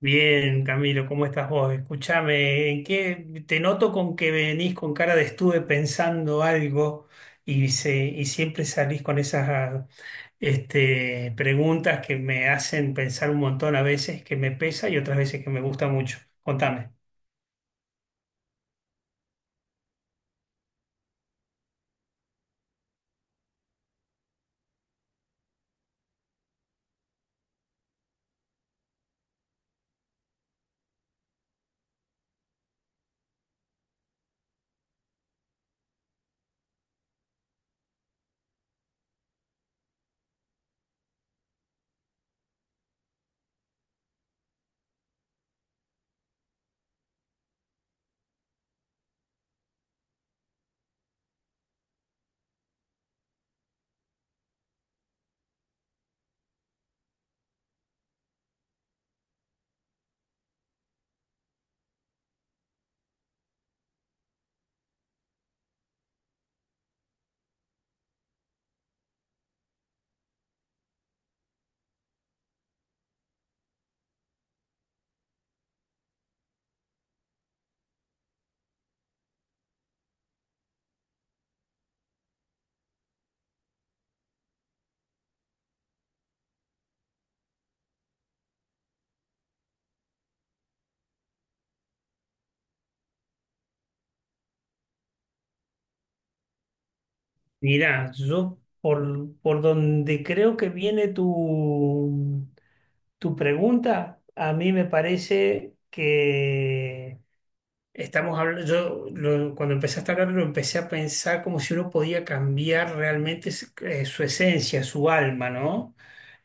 Bien, Camilo, ¿cómo estás vos? Escúchame, ¿en qué te noto con que venís con cara de estuve pensando algo y siempre salís con esas preguntas que me hacen pensar un montón, a veces que me pesa y otras veces que me gusta mucho. Contame. Mirá, yo por donde creo que viene tu pregunta, a mí me parece que estamos hablando. Cuando empezaste a hablar lo empecé a pensar como si uno podía cambiar realmente su esencia, su alma, ¿no?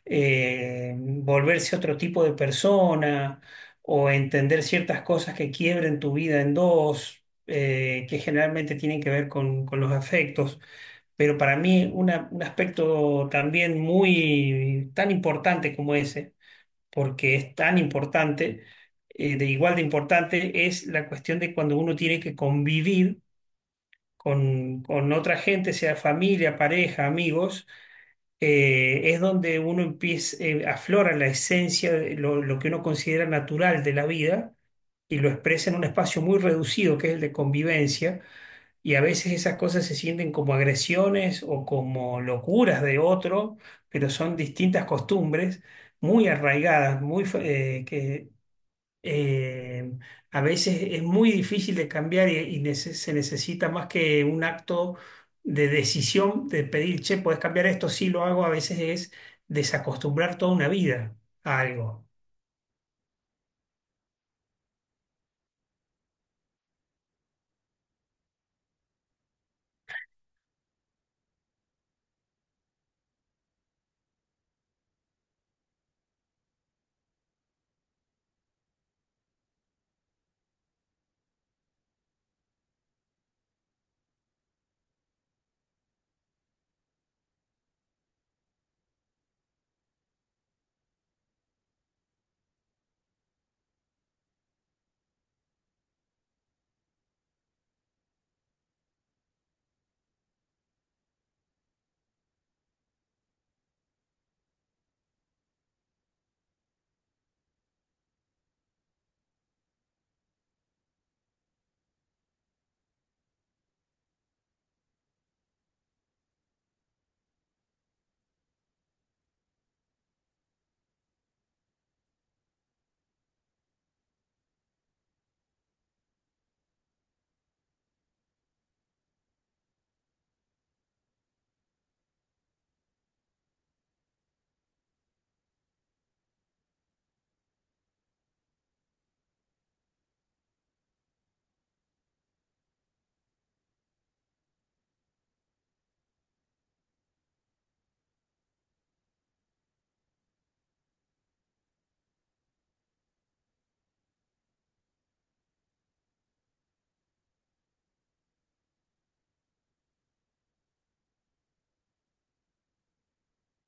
Volverse otro tipo de persona o entender ciertas cosas que quiebren tu vida en dos, que generalmente tienen que ver con los afectos. Pero para mí un aspecto también muy tan importante como ese, porque es tan importante, de igual de importante, es la cuestión de cuando uno tiene que convivir con otra gente, sea familia, pareja, amigos. Es donde uno empieza, aflora la esencia de lo que uno considera natural de la vida y lo expresa en un espacio muy reducido que es el de convivencia. Y a veces esas cosas se sienten como agresiones o como locuras de otro, pero son distintas costumbres muy arraigadas, eh, a veces es muy difícil de cambiar, y se necesita más que un acto de decisión, de pedir, che, puedes cambiar esto, sí lo hago. A veces es desacostumbrar toda una vida a algo.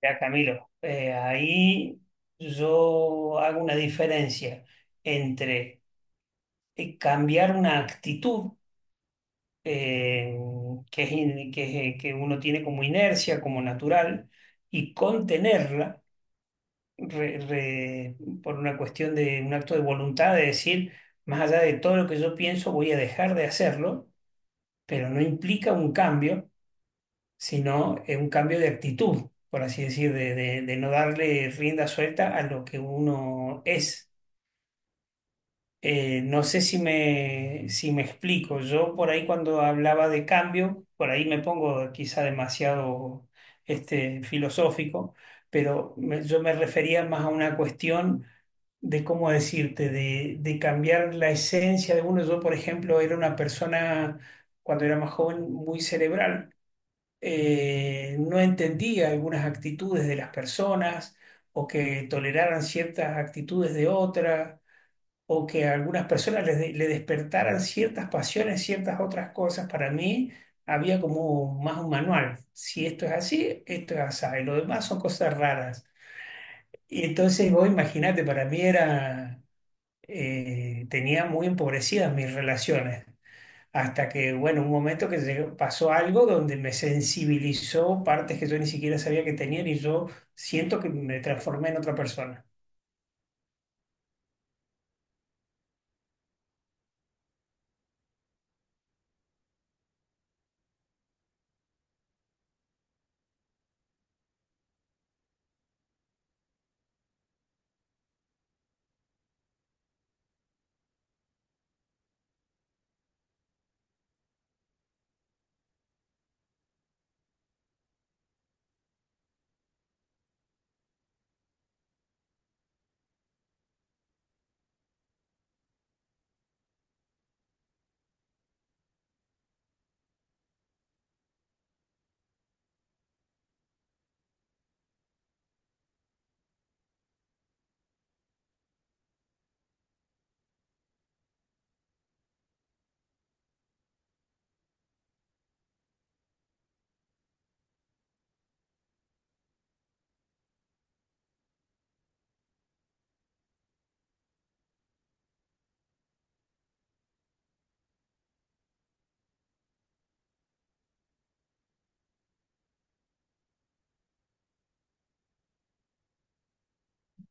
Ya, Camilo, ahí yo hago una diferencia entre, cambiar una actitud, eh, que que uno tiene como inercia, como natural, y contenerla re- re- por una cuestión de un acto de voluntad, de decir, más allá de todo lo que yo pienso, voy a dejar de hacerlo, pero no implica un cambio, sino un cambio de actitud, por así decir, de de no darle rienda suelta a lo que uno es. No sé si si me explico. Yo por ahí cuando hablaba de cambio, por ahí me pongo quizá demasiado filosófico, pero yo me refería más a una cuestión de cómo decirte, de cambiar la esencia de uno. Yo, por ejemplo, era una persona, cuando era más joven, muy cerebral. No entendía algunas actitudes de las personas, o que toleraran ciertas actitudes de otras, o que a algunas personas le despertaran ciertas pasiones, ciertas otras cosas. Para mí había como más un manual. Si esto es así, esto es así. Lo demás son cosas raras. Y entonces vos imaginate, para mí era, tenía muy empobrecidas mis relaciones. Hasta que, bueno, un momento que pasó algo donde me sensibilizó partes que yo ni siquiera sabía que tenían, y yo siento que me transformé en otra persona.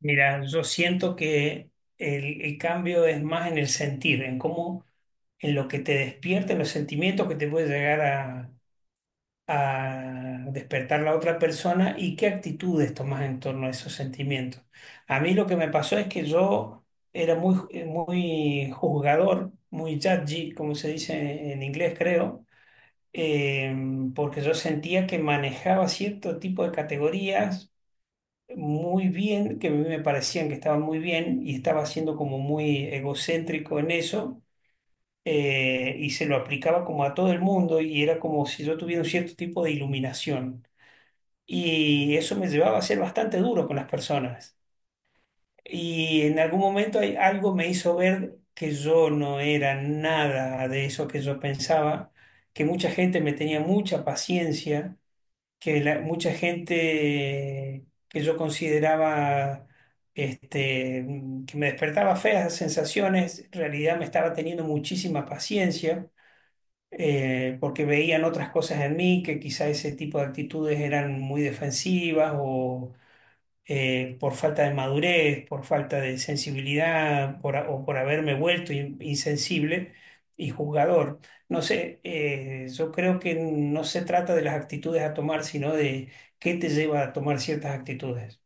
Mira, yo siento que el cambio es más en el sentir, en en lo que te despierta, en los sentimientos que te puede llegar a despertar la otra persona, y qué actitudes tomas en torno a esos sentimientos. A mí lo que me pasó es que yo era muy juzgador, muy judgy, como se dice en inglés, creo. eh, Porque yo sentía que manejaba cierto tipo de categorías muy bien, que a mí me parecían que estaban muy bien, y estaba siendo como muy egocéntrico en eso. Y se lo aplicaba como a todo el mundo, y era como si yo tuviera un cierto tipo de iluminación, y eso me llevaba a ser bastante duro con las personas. Y en algún momento algo me hizo ver que yo no era nada de eso que yo pensaba, que mucha gente me tenía mucha paciencia, que mucha gente que yo consideraba que me despertaba feas sensaciones, en realidad me estaba teniendo muchísima paciencia. Porque veían otras cosas en mí, que quizá ese tipo de actitudes eran muy defensivas, o por falta de madurez, por falta de sensibilidad, o por haberme vuelto insensible y juzgador. No sé, yo creo que no se trata de las actitudes a tomar, sino de qué te lleva a tomar ciertas actitudes.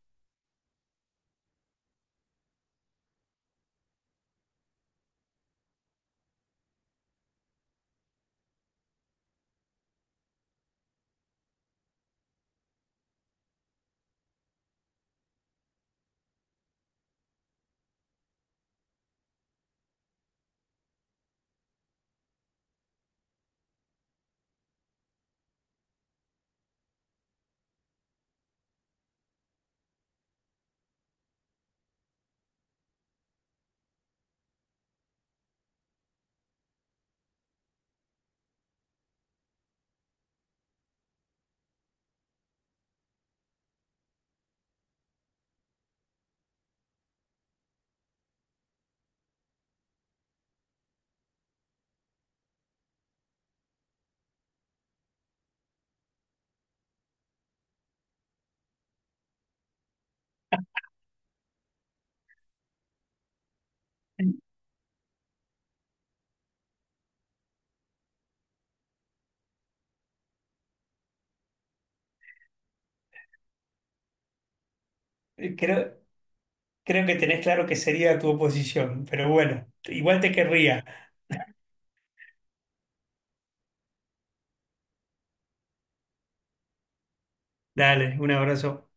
Eh, Creo, creo que tenés claro que sería tu oposición, pero bueno, igual te querría. Dale, un abrazo.